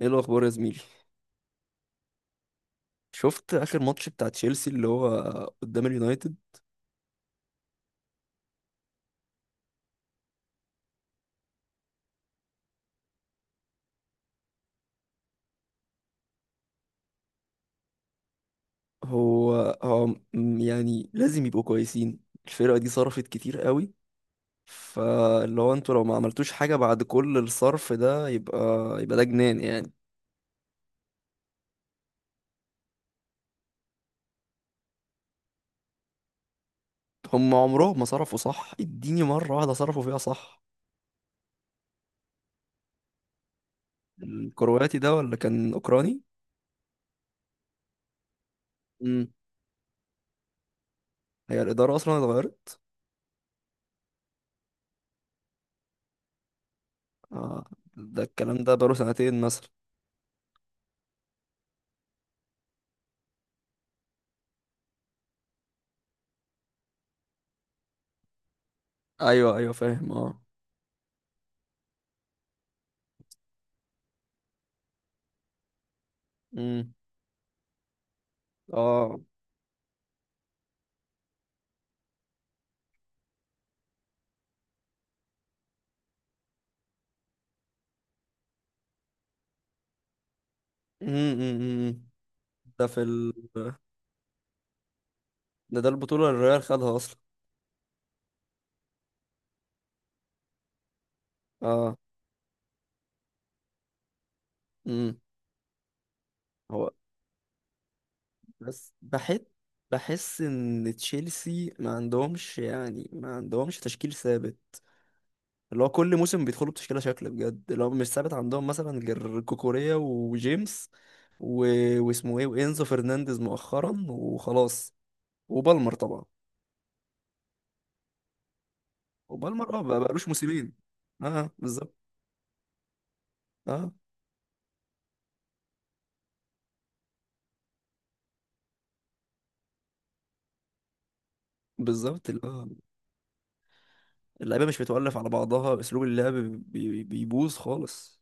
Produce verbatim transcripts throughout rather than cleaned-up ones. ايه الاخبار يا زميلي؟ شفت اخر ماتش بتاع تشيلسي اللي هو قدام اليونايتد؟ هو هو م- يعني لازم يبقوا كويسين. الفرقة دي صرفت كتير قوي، فاللي هو انتوا لو ما عملتوش حاجة بعد كل الصرف ده يبقى يبقى ده جنان يعني. هم عمرهم ما صرفوا صح، اديني مرة واحدة صرفوا فيها صح. الكرواتي ده ولا كان اوكراني؟ امم، هي الإدارة اصلا اتغيرت. آه، ده الكلام ده بقاله سنتين مثلا. ايوه ايوه، فاهم اه. امم، اه، امم، أمم. ده في ال... ده ده البطولة اللي الريال خدها أصلا. اه، امم. هو بس بحس، بحس إن تشيلسي ما عندهمش، يعني ما عندهمش تشكيل ثابت. اللي هو كل موسم بيدخلوا بتشكيلة شكل بجد اللي هو مش ثابت عندهم، مثلا غير كوكوريا وجيمس و... واسمه ايه، وإنزو فرنانديز مؤخرا وخلاص. وبالمر طبعا. وبالمر اه بقى- بقالوش موسمين. اه بالظبط. اه بالظبط اه. اللعيبه مش متولف على بعضها، اسلوب اللعب بي- بي- بيبوظ خالص.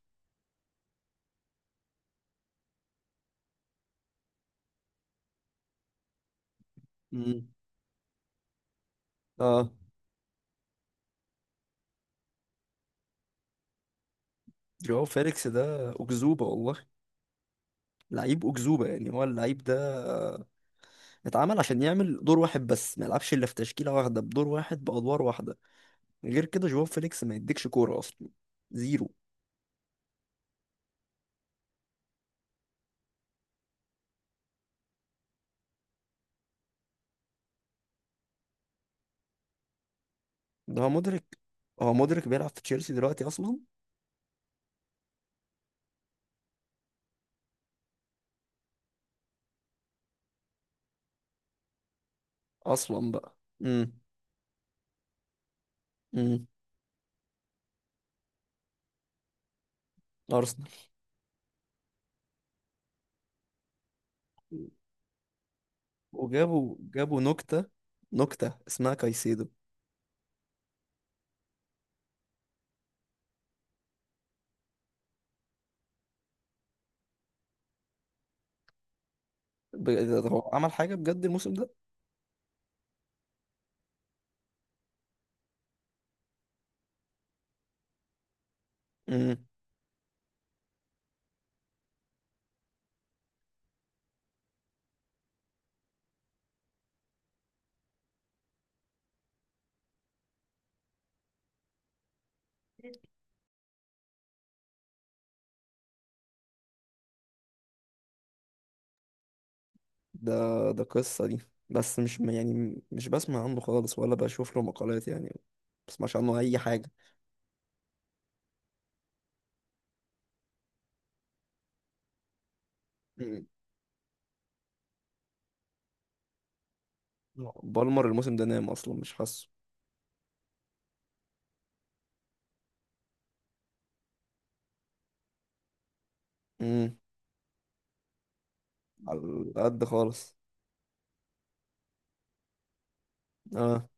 امم اه. جواو فيليكس ده أكذوبة والله. لعيب أكذوبة يعني. هو اللعيب ده اتعمل عشان يعمل دور واحد بس، ما يلعبش إلا في تشكيلة واحدة بدور واحد بأدوار واحدة. غير كده جواو فيليكس ما يديكش كورة أصلا، زيرو. ده هو مدرك. هو مدرك بيلعب في تشيلسي دلوقتي أصلا. أصلا بقى. امم. امم. أرسنال. وجابوا جابوا نكتة، نكتة اسمها كايسيدو. ب- ده هو عمل حاجة بجد الموسم ده؟ امم. ده ده قصة دي. بس مش م- يعني مش بسمع عنه خالص ولا بشوف له مقالات، يعني ما بسمعش عنه أي حاجة. مم. بالمر الموسم ده نام أصلا، مش حاسه. امم. على قد خالص. اه.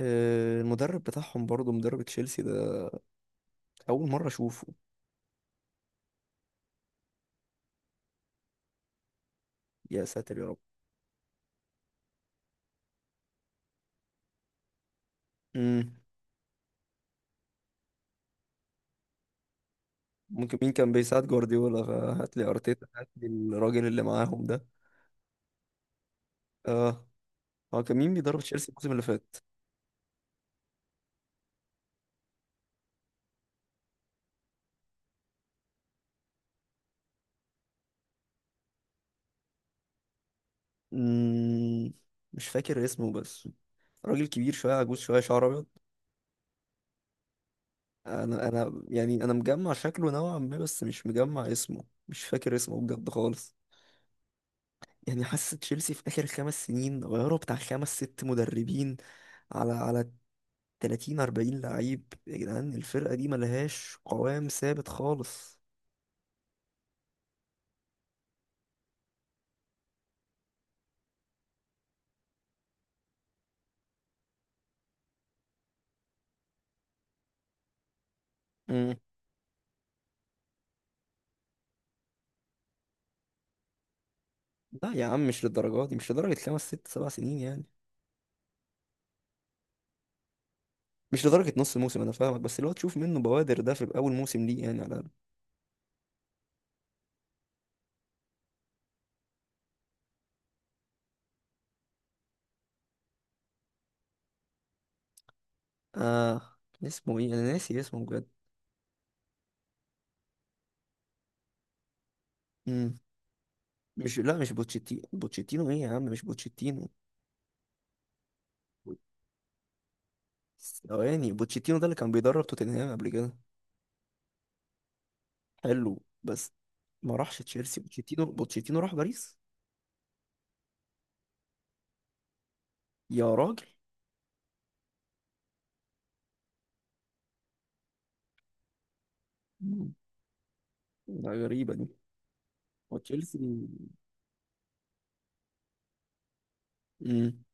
آه، المدرب بتاعهم برضه، مدرب تشيلسي ده أول مرة أشوفه. يا ساتر يا رب. امم. ممكن مين كان بيساعد جوارديولا؟ فهات لي أرتيتا، هات لي الراجل اللي معاهم ده. اه. هو كان مين بيدرب تشيلسي الموسم اللي فات؟ امم، مش فاكر اسمه بس. راجل كبير شوية، عجوز شوية، شعر أبيض. أنا أنا يعني، أنا مجمع شكله نوعا ما، بس مش مجمع اسمه، مش فاكر اسمه بجد خالص. يعني حاسة تشيلسي في آخر خمس سنين غيروا بتاع خمس ست مدربين، على على تلاتين أربعين لعيب يا جدعان. الفرقة دي ملهاش قوام ثابت خالص. مم. لا يا عم مش للدرجة دي، مش لدرجة خمس ست سبع سنين يعني. مش لدرجة نص موسم، أنا فاهمك، بس اللي هو تشوف منه بوادر ده في أول موسم ليه يعني على الأقل. آه، اسمه إيه؟ أنا ناسي اسمه بجد. مم. مش، لا مش بوتشيتينو. بوتشيتينو ايه يا عم؟ مش بوتشيتينو. ثواني، بوتشيتينو ده اللي كان بيدرب توتنهام قبل كده. حلو، بس ما راحش تشيلسي. بوتشيتينو، بوتشيتينو راح باريس يا راجل. مم. ده غريبة دي. وتشيلسي، امم.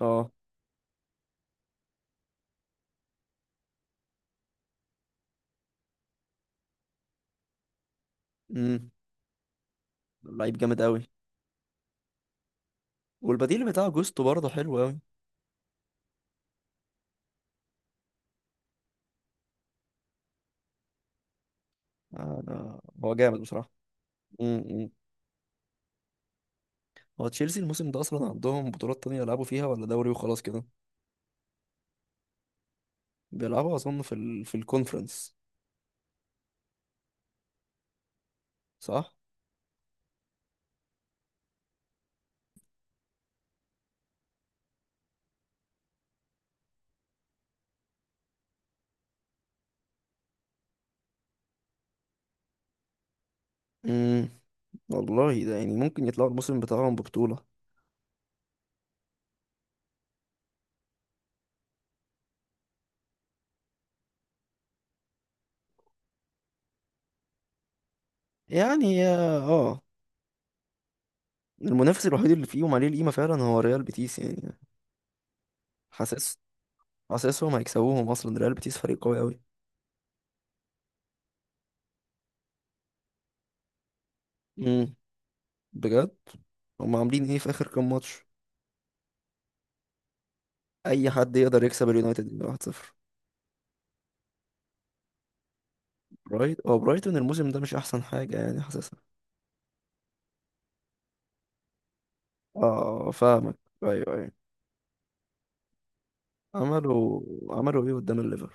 اه، امم. لعيب جامد قوي. والبديل بتاع جوستو برضه حلو قوي. انا هو جامد بصراحة. امم، امم. هو تشيلسي الموسم ده اصلا عندهم بطولات تانية يلعبوا فيها، ولا دوري وخلاص كده؟ بيلعبوا اظن في ال... في الكونفرنس، صح؟ امم. والله ده يعني ممكن يطلعوا الموسم بتاعهم ببطولة. يعني اه. آه. المنافس الوحيد اللي فيهم عليه القيمة فعلا هو ريال بيتيس يعني. حاسس، حاسسهم هيكسبوهم أصلا. ريال بيتيس فريق قوي أوي. امم. بجد. هم عاملين ايه في آخر كام ماتش؟ أي حد يقدر يكسب اليونايتد من واحد صفر. برايت، هو برايتون الموسم ده مش أحسن حاجة يعني، حاسسها. اه آه، فاهمك. أيوه أيوه. عملوا، عملوا ايه قدام الليفر؟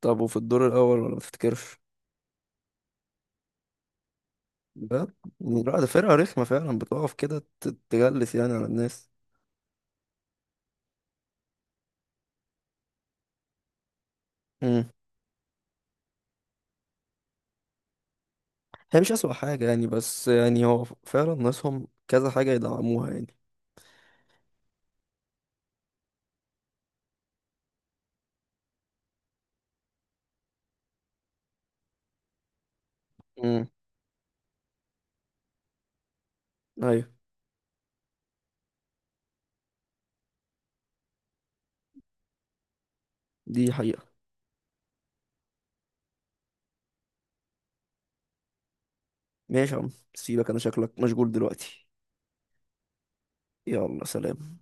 طب وفي الدور الأول، ولا ما تفتكرش؟ لا، لا، ده فرقة رخمة فعلا، بتقف كده ت- تجلس يعني على الناس. مم. هي مش أسوأ حاجة يعني، بس يعني هو فعلا ناسهم كذا حاجة يدعموها يعني. مم. أيوة، دي حقيقة. ماشي يا عم سيبك، أنا شكلك مشغول دلوقتي. يلا سلام.